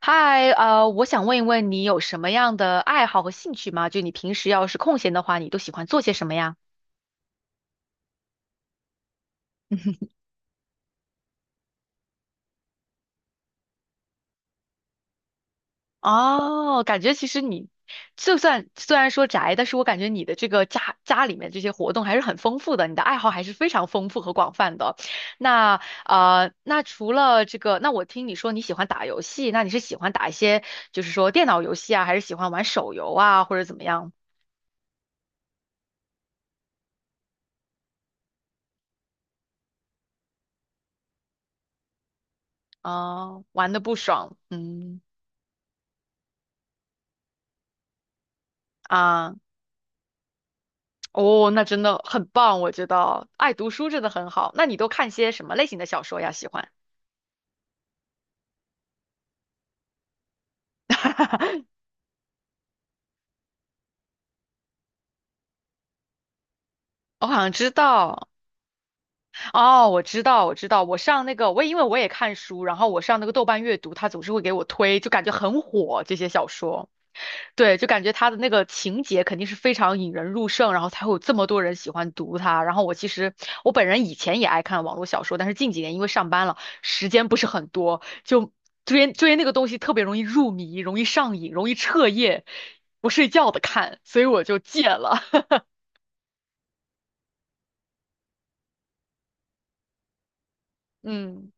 嗨，我想问一问你有什么样的爱好和兴趣吗？就你平时要是空闲的话，你都喜欢做些什么呀？哦，感觉其实你就算虽然说宅，但是我感觉你的这个家里面这些活动还是很丰富的，你的爱好还是非常丰富和广泛的。那那除了这个，那我听你说你喜欢打游戏，那你是喜欢打一些就是说电脑游戏啊，还是喜欢玩手游啊，或者怎么样？啊、玩的不爽，嗯啊。哦，那真的很棒，我觉得爱读书真的很好。那你都看些什么类型的小说呀？喜欢？我好像知道，哦，我知道，我知道，我上那个，我也因为我也看书，然后我上那个豆瓣阅读，它总是会给我推，就感觉很火这些小说。对，就感觉他的那个情节肯定是非常引人入胜，然后才会有这么多人喜欢读它。然后我其实我本人以前也爱看网络小说，但是近几年因为上班了，时间不是很多，就追那个东西特别容易入迷，容易上瘾，容易彻夜不睡觉的看，所以我就戒了。嗯，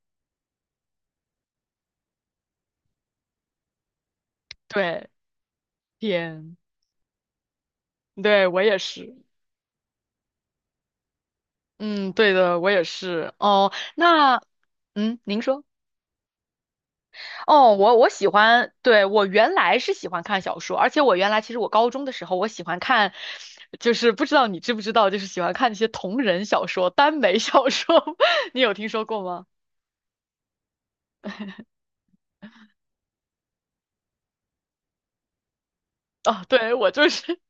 对，点，对我也是。嗯，对的，我也是。哦，那，嗯，您说。哦，我喜欢，对，我原来是喜欢看小说，而且我原来其实我高中的时候我喜欢看，就是不知道你知不知道，就是喜欢看那些同人小说、耽美小说，你有听说过吗？哦，对，我就是，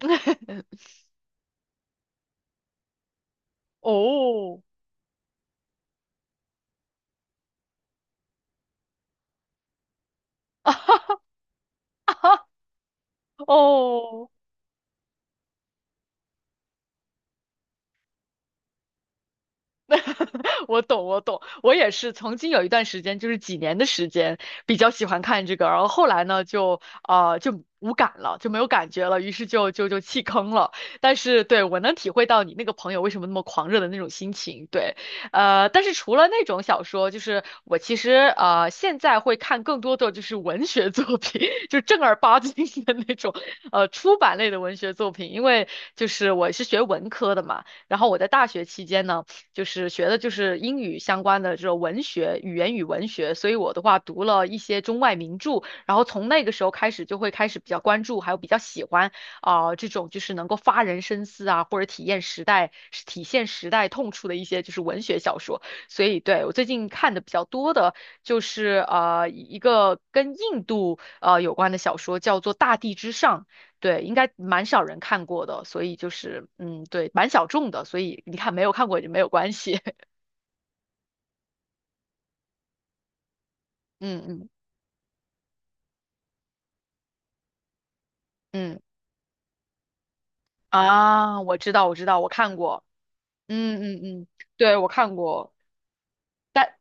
哦，哦。我懂，我懂，我也是曾经有一段时间，就是几年的时间，比较喜欢看这个，然后后来呢，就啊，就无感了，就没有感觉了，于是就弃坑了。但是对我能体会到你那个朋友为什么那么狂热的那种心情，对，但是除了那种小说，就是我其实现在会看更多的就是文学作品，就正儿八经的那种出版类的文学作品，因为就是我是学文科的嘛，然后我在大学期间呢。就是学的就是英语相关的这种文学、语言与文学，所以我的话读了一些中外名著，然后从那个时候开始就会开始比较关注，还有比较喜欢啊、这种就是能够发人深思啊，或者体现时代痛处的一些就是文学小说。所以对我最近看的比较多的就是一个跟印度有关的小说，叫做《大地之上》。对，应该蛮少人看过的，所以就是嗯，对，蛮小众的，所以你看没有看过也没有关系。嗯嗯嗯啊，我知道我知道，我看过。嗯嗯嗯，对，我看过，但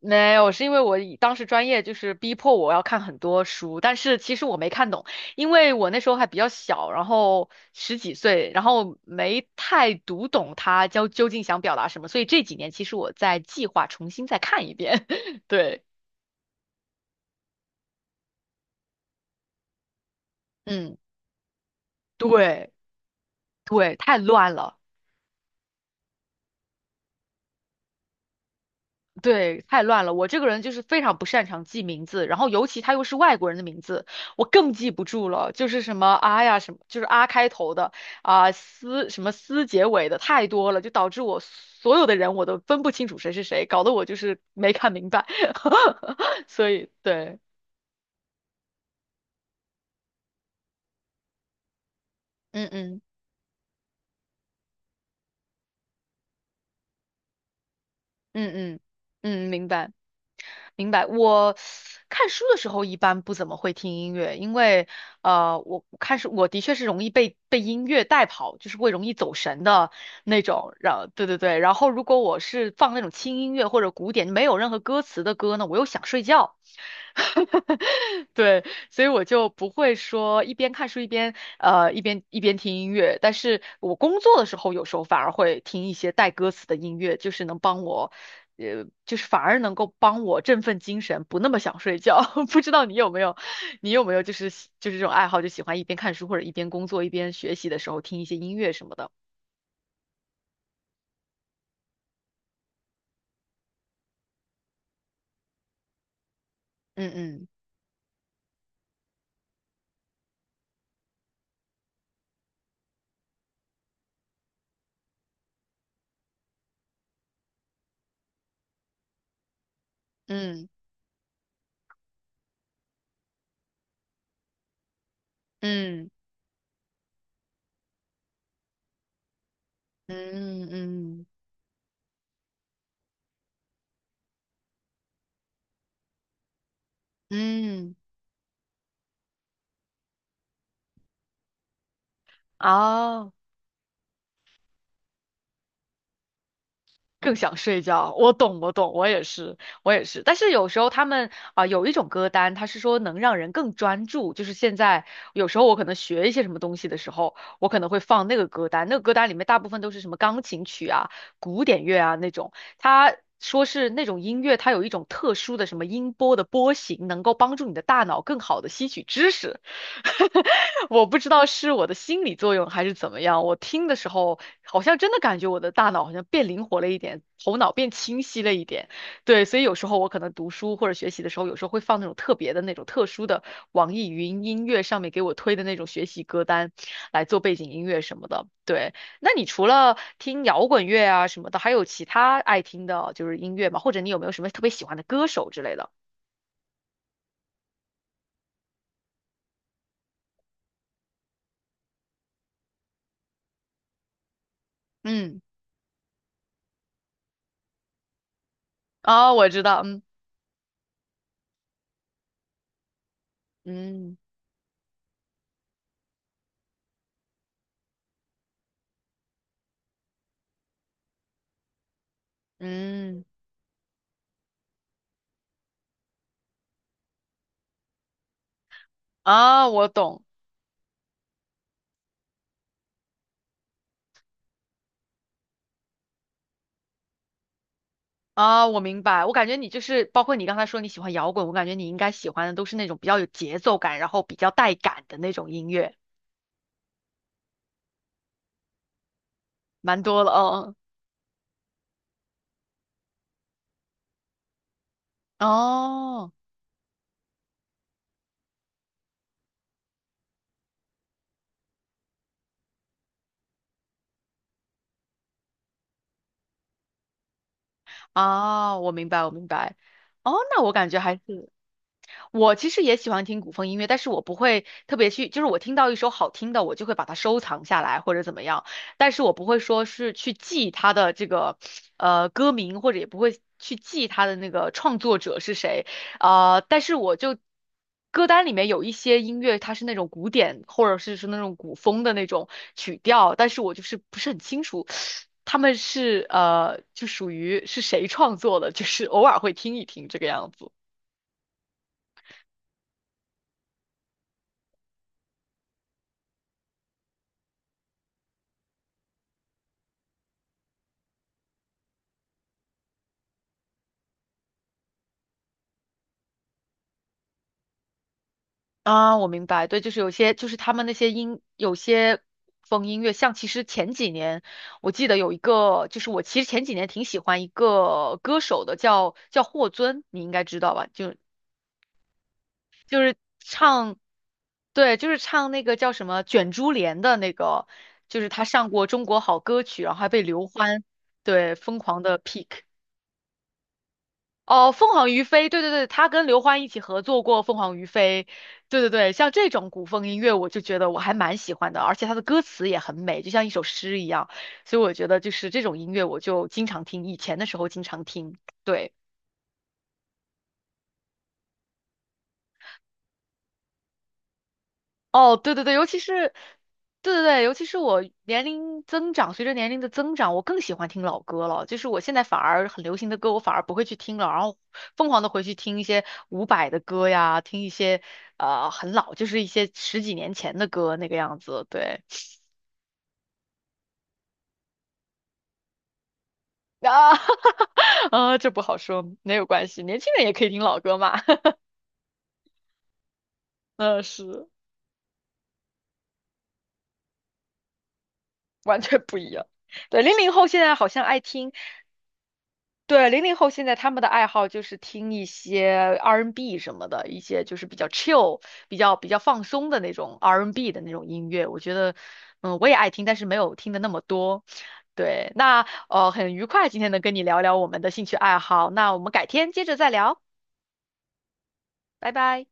没有，是因为我以当时专业就是逼迫我要看很多书，但是其实我没看懂，因为我那时候还比较小，然后十几岁，然后没太读懂他究竟想表达什么，所以这几年其实我在计划重新再看一遍。对，嗯，对。对，太乱了，对，太乱了。我这个人就是非常不擅长记名字，然后尤其他又是外国人的名字，我更记不住了。就是什么啊呀，什么就是啊开头的啊思什么思结尾的太多了，就导致我所有的人我都分不清楚谁是谁，搞得我就是没看明白。所以对，嗯嗯嗯嗯嗯，明白。明白。我看书的时候一般不怎么会听音乐，因为我看书我的确是容易被音乐带跑，就是会容易走神的那种。然后对对对，然后如果我是放那种轻音乐或者古典没有任何歌词的歌呢，我又想睡觉。对，所以我就不会说一边看书一边听音乐，但是我工作的时候有时候反而会听一些带歌词的音乐，就是能帮我，就是反而能够帮我振奋精神，不那么想睡觉。不知道你有没有，你有没有就是这种爱好，就喜欢一边看书或者一边工作一边学习的时候听一些音乐什么的。嗯嗯嗯嗯嗯嗯嗯，哦。更想睡觉。我懂，我懂，我也是，我也是。但是有时候他们啊、有一种歌单，它是说能让人更专注。就是现在有时候我可能学一些什么东西的时候，我可能会放那个歌单。那个歌单里面大部分都是什么钢琴曲啊、古典乐啊那种。它说是那种音乐，它有一种特殊的什么音波的波形，能够帮助你的大脑更好的吸取知识。我不知道是我的心理作用还是怎么样，我听的时候。好像真的感觉我的大脑好像变灵活了一点，头脑变清晰了一点。对，所以有时候我可能读书或者学习的时候，有时候会放那种特别的那种特殊的网易云音乐上面给我推的那种学习歌单来做背景音乐什么的。对，那你除了听摇滚乐啊什么的，还有其他爱听的就是音乐吗？或者你有没有什么特别喜欢的歌手之类的？嗯，啊，我知道，嗯嗯嗯，啊，我懂。啊，我明白。我感觉你就是，包括你刚才说你喜欢摇滚，我感觉你应该喜欢的都是那种比较有节奏感，然后比较带感的那种音乐，蛮多了。哦哦啊，我明白，我明白。哦，那我感觉还是，我其实也喜欢听古风音乐，但是我不会特别去，就是我听到一首好听的，我就会把它收藏下来或者怎么样，但是我不会说是去记它的这个歌名，或者也不会去记它的那个创作者是谁，但是我就歌单里面有一些音乐，它是那种古典或者是那种古风的那种曲调，但是我就是不是很清楚。他们是就属于是谁创作的，就是偶尔会听一听这个样子。啊，我明白，对，就是有些，就是他们那些音，有些风音乐，像其实前几年，我记得有一个，就是我其实前几年挺喜欢一个歌手的，叫霍尊，你应该知道吧？就唱，对，就是唱那个叫什么《卷珠帘》的那个，就是他上过《中国好歌曲》，然后还被刘欢对疯狂的 pick。哦，凤凰于飞，对对对，他跟刘欢一起合作过《凤凰于飞》，对对对，像这种古风音乐，我就觉得我还蛮喜欢的，而且他的歌词也很美，就像一首诗一样，所以我觉得就是这种音乐，我就经常听，以前的时候经常听，对。哦，对对对，尤其是，对对对，尤其是我年龄增长，随着年龄的增长，我更喜欢听老歌了。就是我现在反而很流行的歌，我反而不会去听了，然后疯狂的回去听一些伍佰的歌呀，听一些很老，就是一些十几年前的歌那个样子。对啊，啊，这不好说，没有关系，年轻人也可以听老歌嘛。嗯，是完全不一样。对，零零后现在好像爱听。对，零零后现在他们的爱好就是听一些 R&B n 什么的，一些就是chill、比较比较放松的那种 R&B n 的那种音乐。我觉得，嗯，我也爱听，但是没有听的那么多。对，那,很愉快今天能跟你聊聊我们的兴趣爱好。那我们改天接着再聊，拜拜。